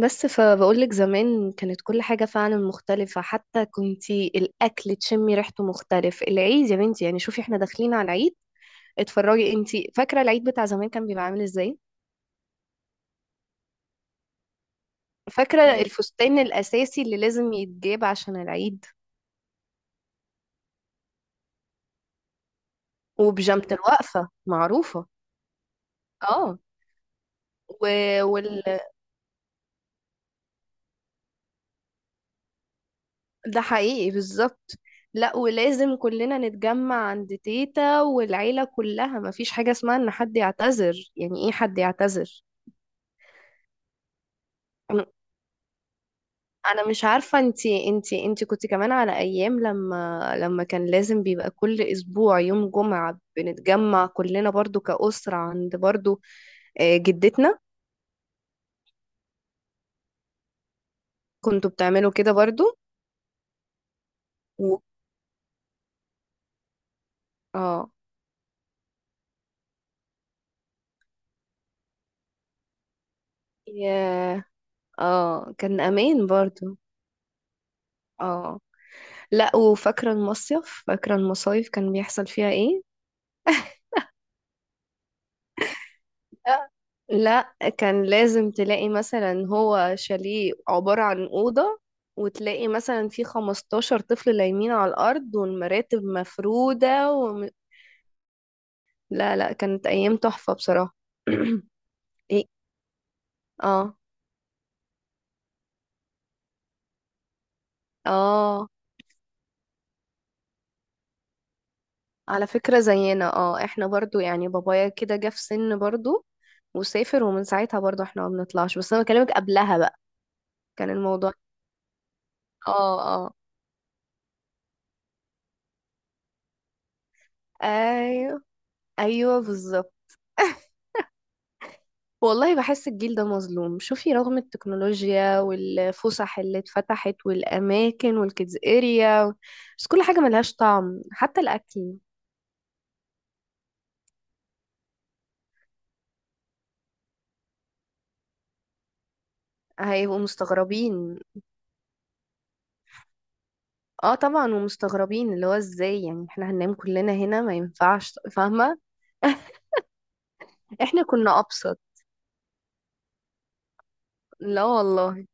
بس فبقولك زمان كانت كل حاجة فعلا مختلفة، حتى كنتي الأكل تشمي ريحته مختلف. العيد يا بنتي يعني شوفي احنا داخلين على العيد. اتفرجي انتي، فاكرة العيد بتاع زمان كان بيبقى عامل ازاي؟ فاكرة، ايوه الفستان الأساسي اللي لازم يتجاب عشان العيد، وبيجامة الوقفة معروفة. اه و... وال... ده حقيقي بالظبط. لا، ولازم كلنا نتجمع عند تيتا والعيلة كلها، مفيش حاجة اسمها ان حد يعتذر. يعني ايه حد يعتذر؟ انا مش عارفه، انتي كنت كمان على ايام لما كان لازم بيبقى كل اسبوع يوم جمعه بنتجمع كلنا برضو كأسره عند برضو جدتنا. كنتوا بتعملوا كده برضو؟ و... اه. ياه. اه كان امان برضو. اه. لا وفاكره المصيف، فاكره المصايف كان بيحصل فيها ايه. لا كان لازم تلاقي مثلا هو شاليه عبارة عن أوضة، وتلاقي مثلا في 15 طفل لايمين على الأرض والمراتب مفرودة لا لا، كانت أيام تحفة بصراحة. إيه. اه. اه. على فكرة زينا، احنا برضو يعني بابايا كده جه في سن برضو وسافر، ومن ساعتها برضو احنا ما بنطلعش. بس أنا بكلمك قبلها بقى كان الموضوع. اه. اه. ايوه. ايوه بالظبط. والله بحس الجيل ده مظلوم. شوفي، رغم التكنولوجيا والفسح اللي اتفتحت والأماكن والكيدز اريا، بس كل حاجة ملهاش طعم حتى الأكل. هيبقوا مستغربين، اه طبعا، ومستغربين اللي هو ازاي يعني احنا هننام كلنا هنا، ما ينفعش فاهمة. احنا كنا أبسط. لا والله.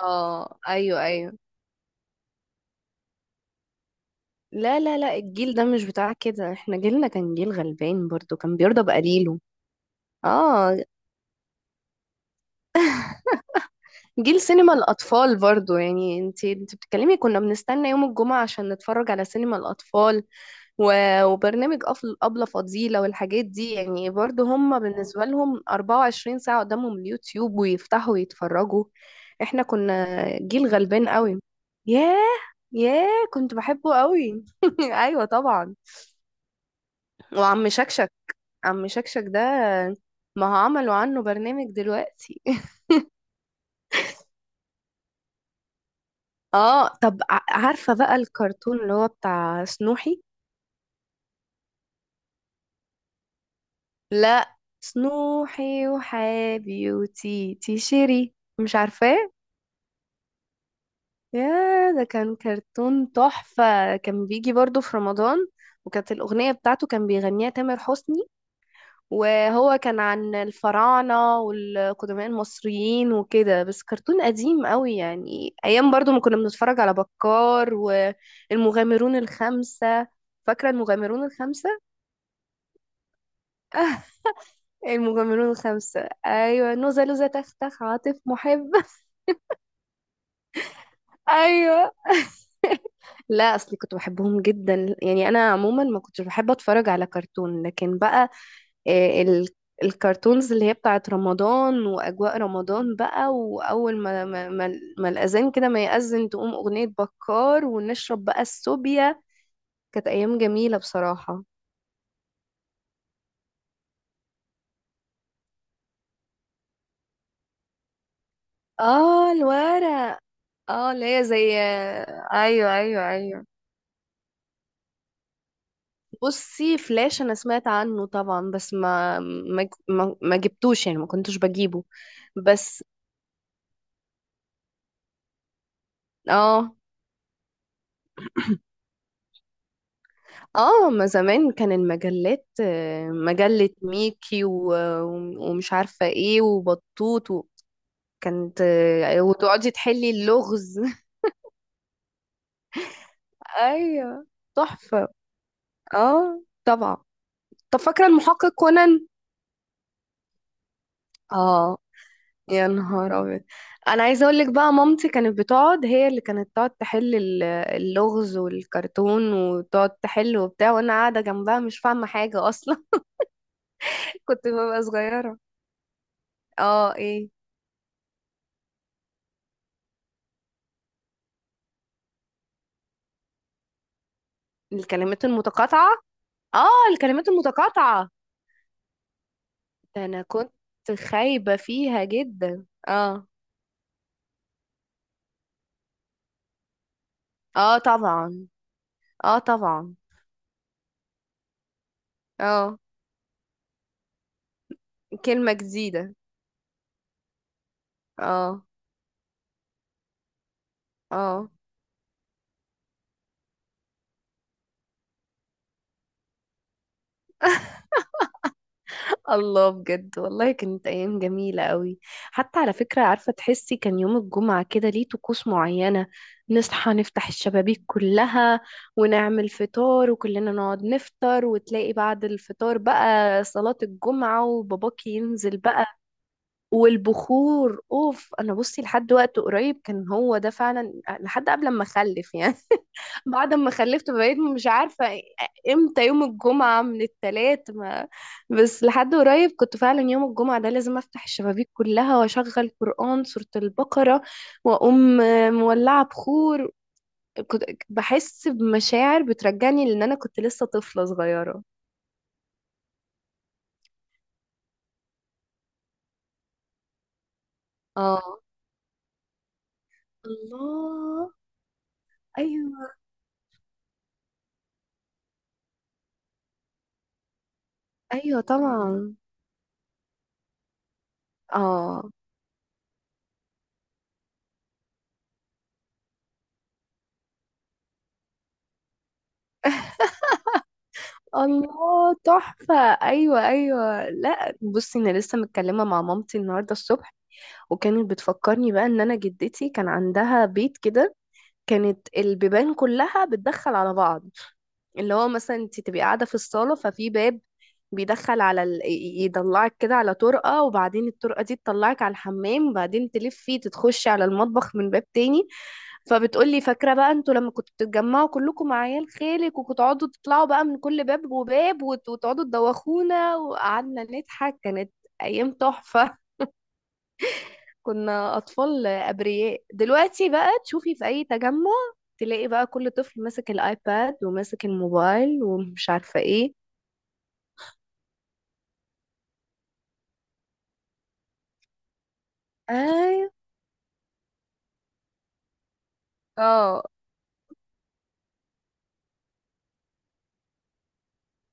اه. ايوه ايوه. لا لا لا، الجيل ده مش بتاع كده، احنا جيلنا كان جيل غلبان برضو كان بيرضى بقليله. اه. جيل سينما الأطفال برضو، يعني انت بتتكلمي كنا بنستنى يوم الجمعة عشان نتفرج على سينما الأطفال. و- وبرنامج أبلة فضيلة والحاجات دي، يعني برضو هم بالنسبة لهم 24 ساعة قدامهم اليوتيوب ويفتحوا ويتفرجوا. احنا كنا جيل غلبان قوي. ياه. ياه كنت بحبه قوي. ايوه طبعا. وعم شكشك. عم شكشك ده ما هو عملوا عنه برنامج دلوقتي. اه طب عارفة بقى الكرتون اللي هو بتاع سنوحي؟ لا، سنوحي وحابي وتيتي شيري، مش عارفاه. يا ده كان كرتون تحفة، كان بيجي برضو في رمضان، وكانت الأغنية بتاعته كان بيغنيها تامر حسني، وهو كان عن الفراعنة والقدماء المصريين وكده، بس كرتون قديم قوي يعني، أيام برضو ما كنا بنتفرج على بكار والمغامرون الخمسة. فاكرة المغامرون الخمسة؟ المجملون الخمسة، أيوة نوزة لوزة تختخ عاطف محب. أيوة، لا أصلي كنت بحبهم جدا يعني، أنا عموما ما كنتش بحب أتفرج على كرتون، لكن بقى آه، ال الكرتونز اللي هي بتاعت رمضان وأجواء رمضان بقى. وأول ما الأذان كده، ما يأذن تقوم أغنية بكار ونشرب بقى السوبيا. كانت أيام جميلة بصراحة. اه الورق. اه اللي هي زي ايوه ايوه ايوه. بصي فلاش انا سمعت عنه طبعا، بس ما جبتوش يعني، ما كنتش بجيبه. بس. اه. اه. ما زمان كان المجلات مجلة ميكي و- و- ومش عارفة ايه وبطوط. وكانت وتقعدي تحلي اللغز. ايوه. تحفة. اه طبعا. طب فاكرة المحقق كونان؟ اه. يا نهار ابيض. انا عايزه اقول لك بقى، مامتي كانت بتقعد هي اللي كانت تقعد تحل اللغز والكرتون وتقعد تحل وبتاع، وانا قاعده جنبها مش فاهمه حاجه اصلا. كنت ببقى صغيره. اه. ايه. الكلمات المتقاطعه. اه. الكلمات المتقاطعه ده انا كنت خايبه فيها جدا. اه. اه طبعا. اه طبعا. اه. كلمه جديده. اه. اه. الله بجد، والله كانت ايام جميله قوي. حتى على فكره، عارفه تحسي كان يوم الجمعه كده ليه طقوس معينه؟ نصحى نفتح الشبابيك كلها، ونعمل فطار، وكلنا نقعد نفطر، وتلاقي بعد الفطار بقى صلاه الجمعه وباباكي ينزل بقى. والبخور اوف، انا بصي لحد وقت قريب كان هو ده فعلا. لحد قبل ما اخلف يعني، بعد ما خلفت بقيت مش عارفة امتى يوم الجمعة من التلات ما. بس لحد قريب كنت فعلا يوم الجمعة ده لازم افتح الشبابيك كلها واشغل قرآن سورة البقرة، واقوم مولعة بخور. كنت بحس بمشاعر بترجعني لان انا كنت لسه طفلة صغيرة. اه. الله. ايوه. ايوه طبعا. اه. الله تحفة. ايوه ايوه. لا بصي انا لسه متكلمة مع مامتي النهاردة الصبح، وكانت بتفكرني بقى ان انا جدتي كان عندها بيت كده، كانت البيبان كلها بتدخل على بعض. اللي هو مثلا انت تبقي قاعده في الصاله، ففي باب بيدخل على يطلعك كده على طرقه، وبعدين الطرقه دي تطلعك على الحمام، وبعدين تلفي تتخشي على المطبخ من باب تاني. فبتقولي فاكره بقى انتوا لما كنتوا بتتجمعوا كلكم مع عيال خالك، وكنتوا تطلعوا بقى من كل باب وباب، وتقعدوا تدوخونا، وقعدنا نضحك. كانت ايام تحفه. كنا أطفال أبرياء، دلوقتي بقى تشوفي في أي تجمع تلاقي بقى كل طفل ماسك الآيباد وماسك الموبايل ومش عارفة ايه. ايوه. اه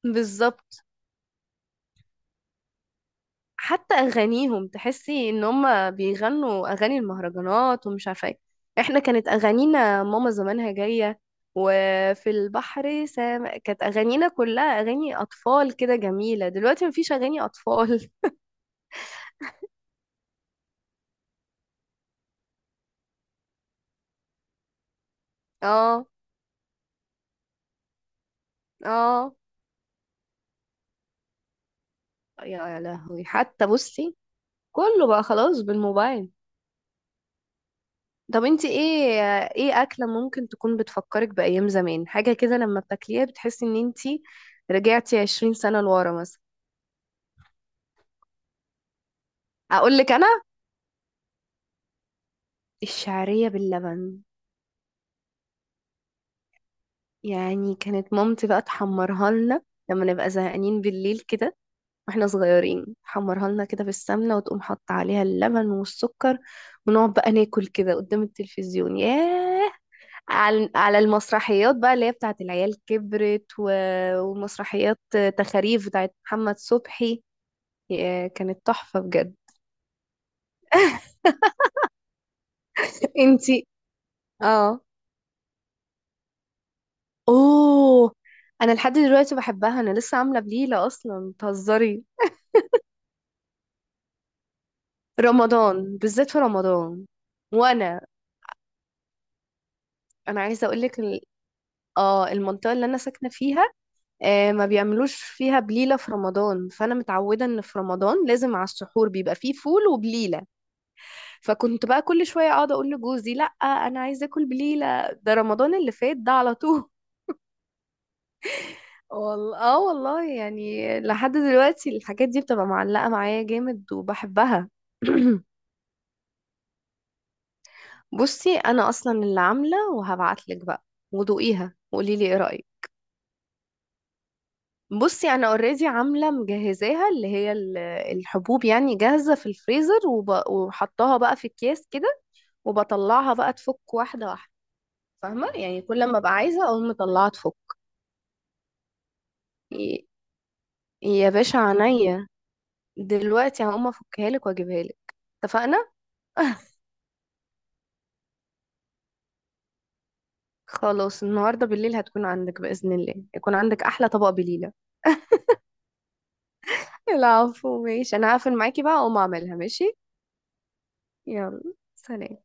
بالظبط. حتى أغانيهم تحسي إن هما بيغنوا أغاني المهرجانات ومش عارفة ايه. احنا كانت أغانينا ماما زمانها جاية، وفي البحر كانت أغانينا كلها أغاني أطفال كده جميلة. دلوقتي مفيش أغاني أطفال. اه. اه. يا لهوي. حتى بصي كله بقى خلاص بالموبايل. طب انت ايه؟ ايه اكلة ممكن تكون بتفكرك بأيام زمان؟ حاجة كده لما بتاكليها بتحسي ان انت رجعتي 20 سنة لورا مثلا. اقول لك انا، الشعرية باللبن. يعني كانت مامتي بقى تحمرها لنا لما نبقى زهقانين بالليل كده واحنا صغيرين، تحمرها لنا كده في السمنة وتقوم حاطة عليها اللبن والسكر، ونقعد بقى ناكل كده قدام التلفزيون. ياه. على المسرحيات بقى اللي هي بتاعت العيال كبرت ومسرحيات تخاريف بتاعت محمد صبحي. كانت تحفة بجد. انتي. اه. اوه. انا لحد دلوقتي بحبها، انا لسه عاملة بليلة اصلا بتهزري. رمضان، بالذات في رمضان. وانا عايزة اقولك اه المنطقة اللي انا ساكنة فيها ما بيعملوش فيها بليلة في رمضان. فانا متعودة ان في رمضان لازم على السحور بيبقى فيه فول وبليلة. فكنت بقى كل شوية اقعد اقول لجوزي لا انا عايزة اكل بليلة، ده رمضان اللي فات ده على طول. والله. اه والله يعني لحد دلوقتي الحاجات دي بتبقى معلقة معايا جامد وبحبها. بصي انا اصلا اللي عاملة وهبعتلك بقى، ودوقيها وقولي لي ايه رأيك. بصي انا اوريدي عاملة مجهزاها، اللي هي الحبوب يعني جاهزة في الفريزر، وحطاها بقى في اكياس كده، وبطلعها بقى تفك واحدة واحدة. فاهمة يعني كل ما ابقى عايزة اقوم مطلعها تفك. يا باشا عينيا، دلوقتي هقوم افكها لك واجيبها لك. اتفقنا. خلاص، النهارده بالليل هتكون عندك باذن الله، يكون عندك احلى طبق بليله. العفو ماشي، انا هقفل معاكي بقى اقوم اعملها. ماشي. يلا. سلام.